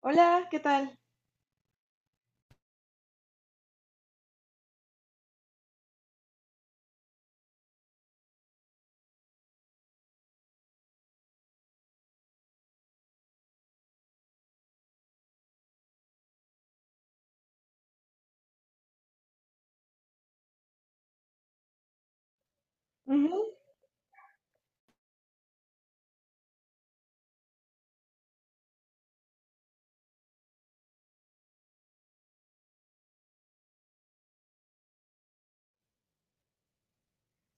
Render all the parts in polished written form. Hola, ¿qué tal? Ujú.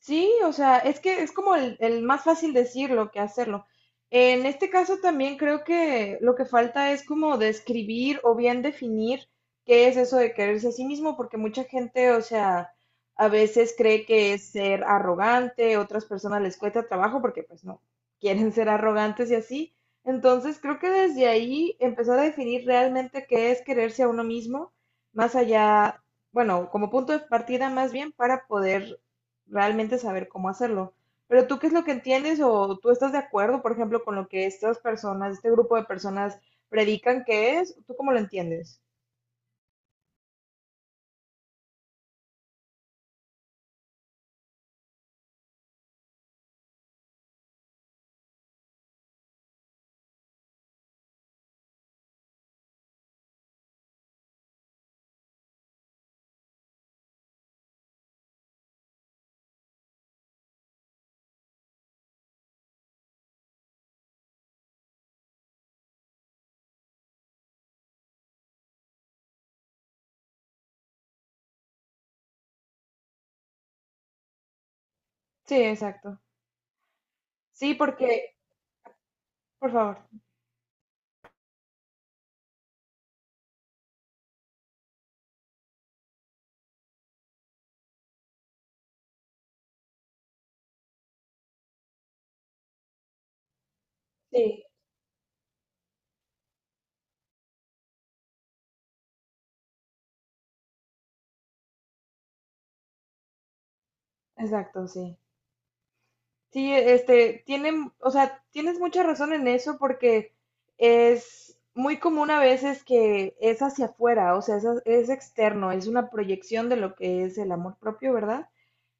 Sí, o sea, es que es como el más fácil decirlo que hacerlo. En este caso también creo que lo que falta es como describir o bien definir qué es eso de quererse a sí mismo, porque mucha gente, o sea, a veces cree que es ser arrogante, otras personas les cuesta trabajo porque pues no quieren ser arrogantes y así. Entonces creo que desde ahí empezar a definir realmente qué es quererse a uno mismo, más allá, bueno, como punto de partida más bien para poder realmente saber cómo hacerlo. Pero tú, ¿qué es lo que entiendes o tú estás de acuerdo, por ejemplo, con lo que estas personas, este grupo de personas predican que es? ¿Tú cómo lo entiendes? Sí, exacto. Sí, porque, por favor. Sí, exacto, sí. Sí, este, tienen, o sea, tienes mucha razón en eso porque es muy común a veces que es hacia afuera, o sea, es externo, es una proyección de lo que es el amor propio, ¿verdad?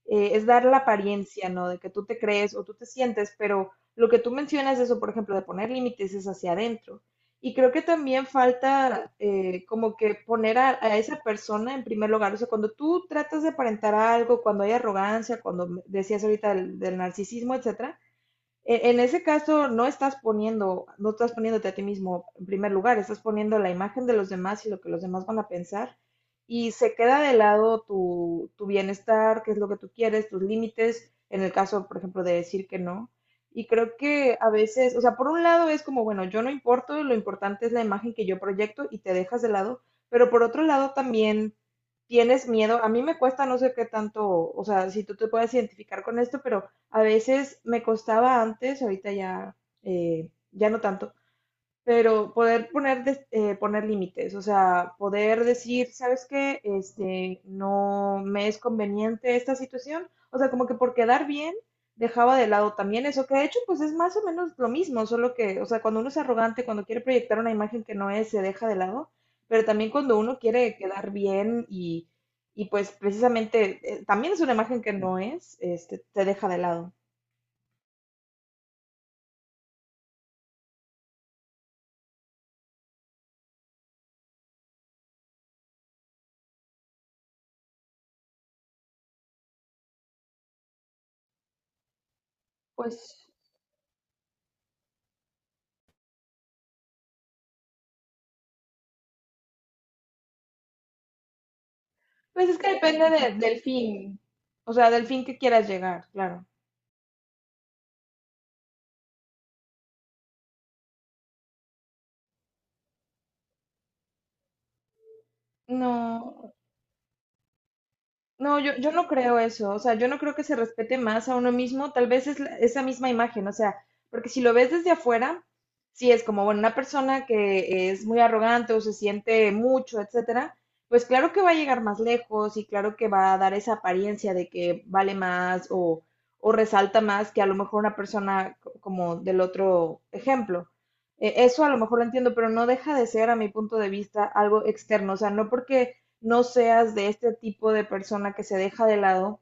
Es dar la apariencia, ¿no? De que tú te crees o tú te sientes, pero lo que tú mencionas, eso, por ejemplo, de poner límites es hacia adentro. Y creo que también falta como que poner a esa persona en primer lugar. O sea, cuando tú tratas de aparentar algo, cuando hay arrogancia, cuando decías ahorita del narcisismo, etcétera, en ese caso, no estás poniendo, no estás poniéndote a ti mismo en primer lugar, estás poniendo la imagen de los demás y lo que los demás van a pensar. Y se queda de lado tu bienestar, qué es lo que tú quieres, tus límites, en el caso, por ejemplo, de decir que no. Y creo que a veces, o sea, por un lado es como, bueno, yo no importo, lo importante es la imagen que yo proyecto y te dejas de lado, pero por otro lado también tienes miedo. A mí me cuesta no sé qué tanto, o sea, si tú te puedes identificar con esto, pero a veces me costaba antes, ahorita ya, ya no tanto, pero poder poner, poner límites, o sea, poder decir, ¿sabes qué? Este, no me es conveniente esta situación. O sea, como que por quedar bien, dejaba de lado también eso que de hecho, pues es más o menos lo mismo, solo que, o sea, cuando uno es arrogante, cuando quiere proyectar una imagen que no es, se deja de lado, pero también cuando uno quiere quedar bien y pues precisamente también es una imagen que no es, este, te deja de lado. Pues es que del fin, o sea, del fin que quieras llegar, claro. No, no, yo no creo eso, o sea, yo no creo que se respete más a uno mismo, tal vez es esa misma imagen, o sea, porque si lo ves desde afuera, sí es como, bueno, una persona que es muy arrogante o se siente mucho, etcétera, pues claro que va a llegar más lejos y claro que va a dar esa apariencia de que vale más o resalta más que a lo mejor una persona como del otro ejemplo. Eso a lo mejor lo entiendo, pero no deja de ser, a mi punto de vista, algo externo, o sea, no porque no seas de este tipo de persona que se deja de lado,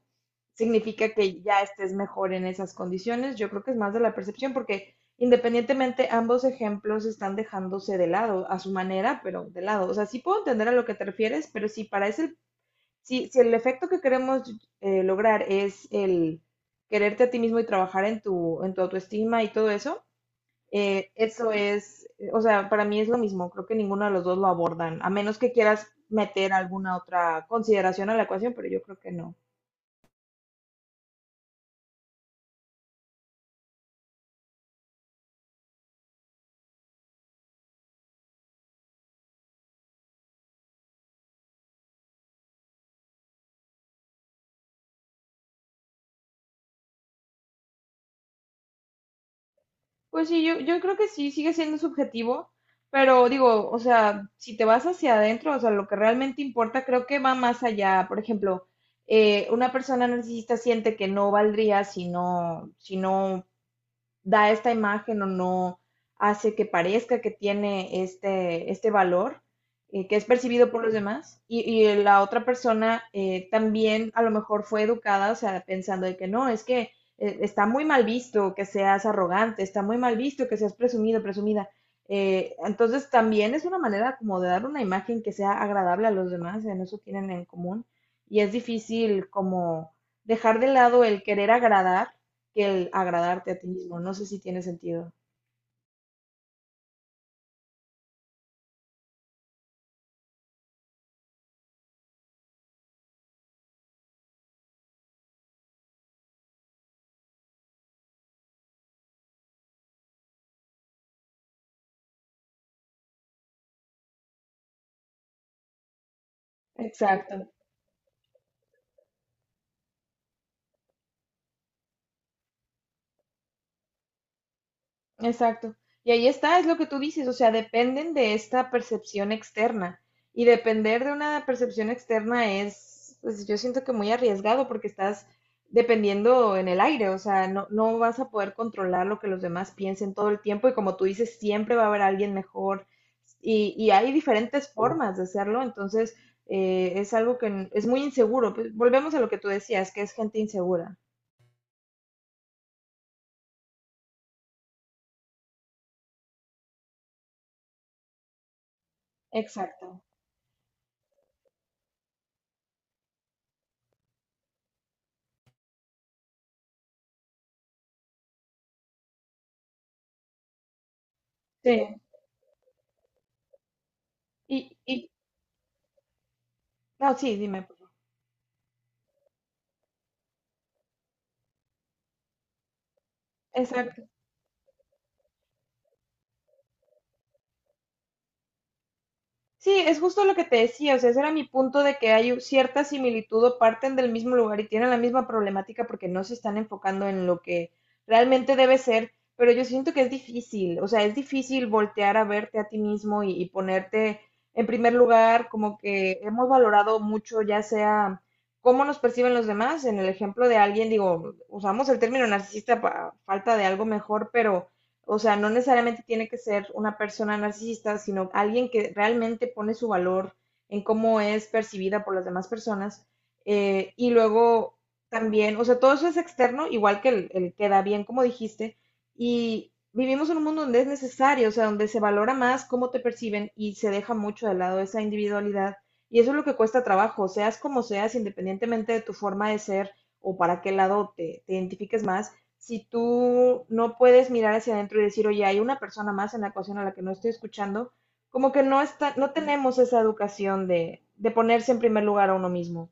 significa que ya estés mejor en esas condiciones. Yo creo que es más de la percepción porque independientemente ambos ejemplos están dejándose de lado a su manera, pero de lado. O sea, sí puedo entender a lo que te refieres, pero si, si el efecto que queremos lograr es el quererte a ti mismo y trabajar en tu autoestima y todo eso, eso es, o sea, para mí es lo mismo, creo que ninguno de los dos lo abordan, a menos que quieras meter alguna otra consideración a la ecuación, pero yo creo que no. Pues sí, yo creo que sí, sigue siendo subjetivo, pero digo, o sea, si te vas hacia adentro, o sea, lo que realmente importa creo que va más allá. Por ejemplo, una persona narcisista siente que no valdría si no da esta imagen o no hace que parezca que tiene este valor que es percibido por los demás y la otra persona también a lo mejor fue educada, o sea, pensando de que no, es que está muy mal visto que seas arrogante, está muy mal visto que seas presumido, presumida. Entonces también es una manera como de dar una imagen que sea agradable a los demás, en eso tienen en común y es difícil como dejar de lado el querer agradar que el agradarte a ti mismo. No sé si tiene sentido. Exacto. Exacto. Y ahí está, es lo que tú dices, o sea, dependen de esta percepción externa. Y depender de una percepción externa es, pues yo siento que muy arriesgado porque estás dependiendo en el aire, o sea, no, no vas a poder controlar lo que los demás piensen todo el tiempo y como tú dices, siempre va a haber alguien mejor y hay diferentes formas de hacerlo, entonces es algo es muy inseguro. Pues, volvemos a lo que tú decías, que es gente insegura. Exacto. Sí. Y, y, no, sí, dime. Por favor. Exacto. Sí, es justo lo que te decía, o sea, ese era mi punto de que hay cierta similitud o parten del mismo lugar y tienen la misma problemática porque no se están enfocando en lo que realmente debe ser, pero yo siento que es difícil, o sea, es difícil voltear a verte a ti mismo y ponerte en primer lugar, como que hemos valorado mucho, ya sea cómo nos perciben los demás, en el ejemplo de alguien, digo, usamos el término narcisista para falta de algo mejor, pero o sea, no necesariamente tiene que ser una persona narcisista, sino alguien que realmente pone su valor en cómo es percibida por las demás personas. Y luego también, o sea, todo eso es externo, igual que el queda bien, como dijiste. Y vivimos en un mundo donde es necesario, o sea, donde se valora más cómo te perciben y se deja mucho de lado esa individualidad. Y eso es lo que cuesta trabajo, seas como seas, independientemente de tu forma de ser o para qué lado te identifiques más si tú no puedes mirar hacia adentro y decir, oye, hay una persona más en la ecuación a la que no estoy escuchando, como que no está, no tenemos esa educación de ponerse en primer lugar a uno mismo.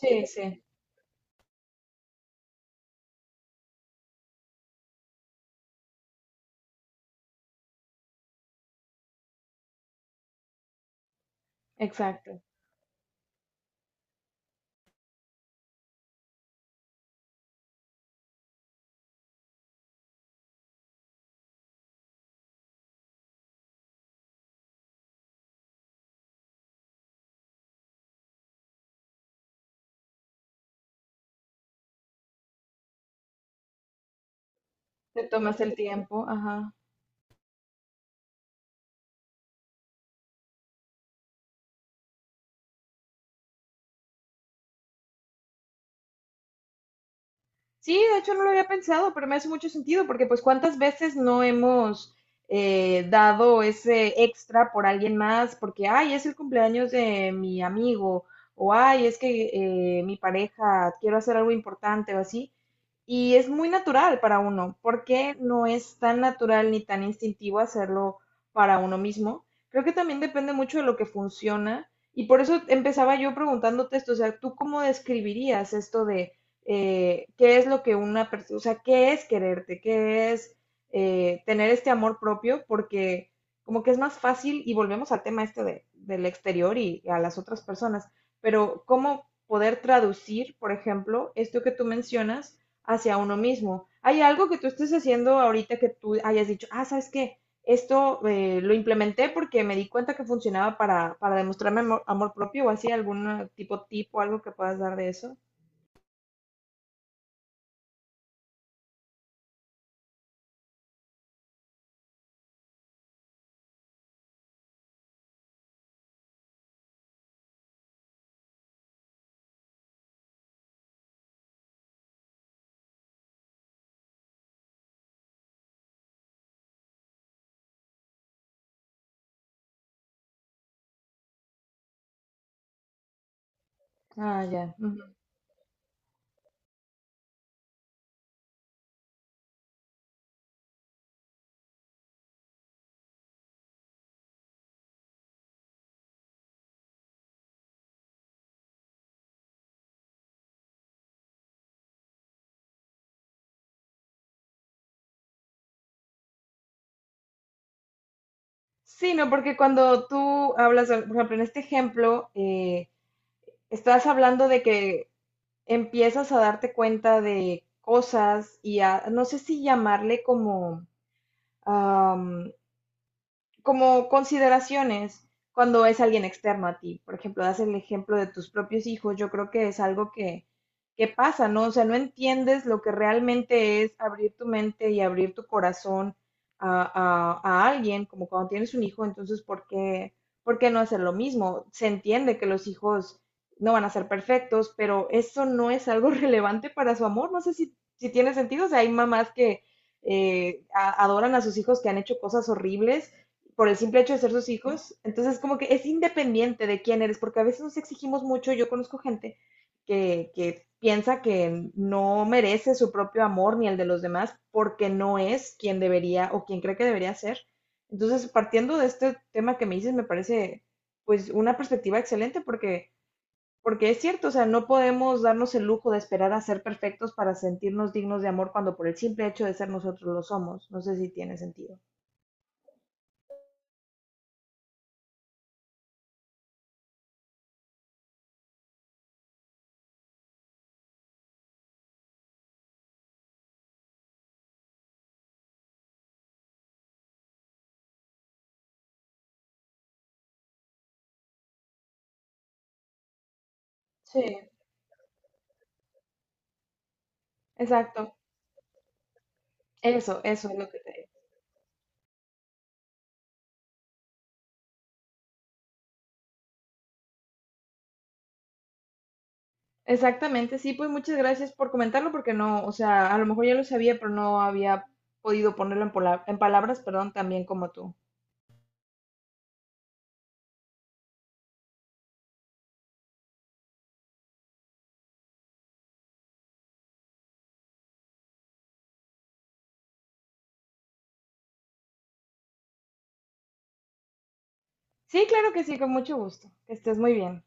Sí, sí. Exacto. Te tomas el tiempo, ajá. Sí, de hecho no lo había pensado, pero me hace mucho sentido porque pues cuántas veces no hemos dado ese extra por alguien más porque, ay, es el cumpleaños de mi amigo o, ay, es que mi pareja, quiero hacer algo importante o así. Y es muy natural para uno. ¿Por qué no es tan natural ni tan instintivo hacerlo para uno mismo? Creo que también depende mucho de lo que funciona. Y por eso empezaba yo preguntándote esto, o sea, ¿tú cómo describirías esto de qué es lo que una persona, o sea, qué es quererte, qué es tener este amor propio, porque como que es más fácil, y volvemos al tema este del exterior y a las otras personas, pero cómo poder traducir, por ejemplo, esto que tú mencionas hacia uno mismo? ¿Hay algo que tú estés haciendo ahorita que tú hayas dicho, ah, sabes qué? Esto lo implementé porque me di cuenta que funcionaba para demostrarme amor, amor propio o así, algún tipo, algo que puedas dar de eso. Ah, ya. Sí, no, porque cuando tú hablas, por ejemplo, en este ejemplo, estás hablando de que empiezas a darte cuenta de cosas y a, no sé si llamarle como, como consideraciones cuando es alguien externo a ti. Por ejemplo, das el ejemplo de tus propios hijos, yo creo que es algo que pasa, ¿no? O sea, no entiendes lo que realmente es abrir tu mente y abrir tu corazón a a alguien, como cuando tienes un hijo, entonces, ¿por qué no hacer lo mismo? Se entiende que los hijos no van a ser perfectos, pero eso no es algo relevante para su amor. No sé si tiene sentido, o sea, hay mamás que adoran a sus hijos que han hecho cosas horribles por el simple hecho de ser sus hijos. Entonces, como que es independiente de quién eres, porque a veces nos exigimos mucho. Yo conozco gente que piensa que no merece su propio amor ni el de los demás porque no es quien debería o quien cree que debería ser. Entonces, partiendo de este tema que me dices, me parece pues una perspectiva excelente porque, porque es cierto, o sea, no podemos darnos el lujo de esperar a ser perfectos para sentirnos dignos de amor cuando por el simple hecho de ser nosotros lo somos. No sé si tiene sentido. Sí, exacto, eso es lo que te digo. Exactamente, sí, pues muchas gracias por comentarlo porque no, o sea, a lo mejor ya lo sabía, pero no había podido ponerlo en, en palabras, perdón, también como tú. Sí, claro que sí, con mucho gusto. Que estés muy bien.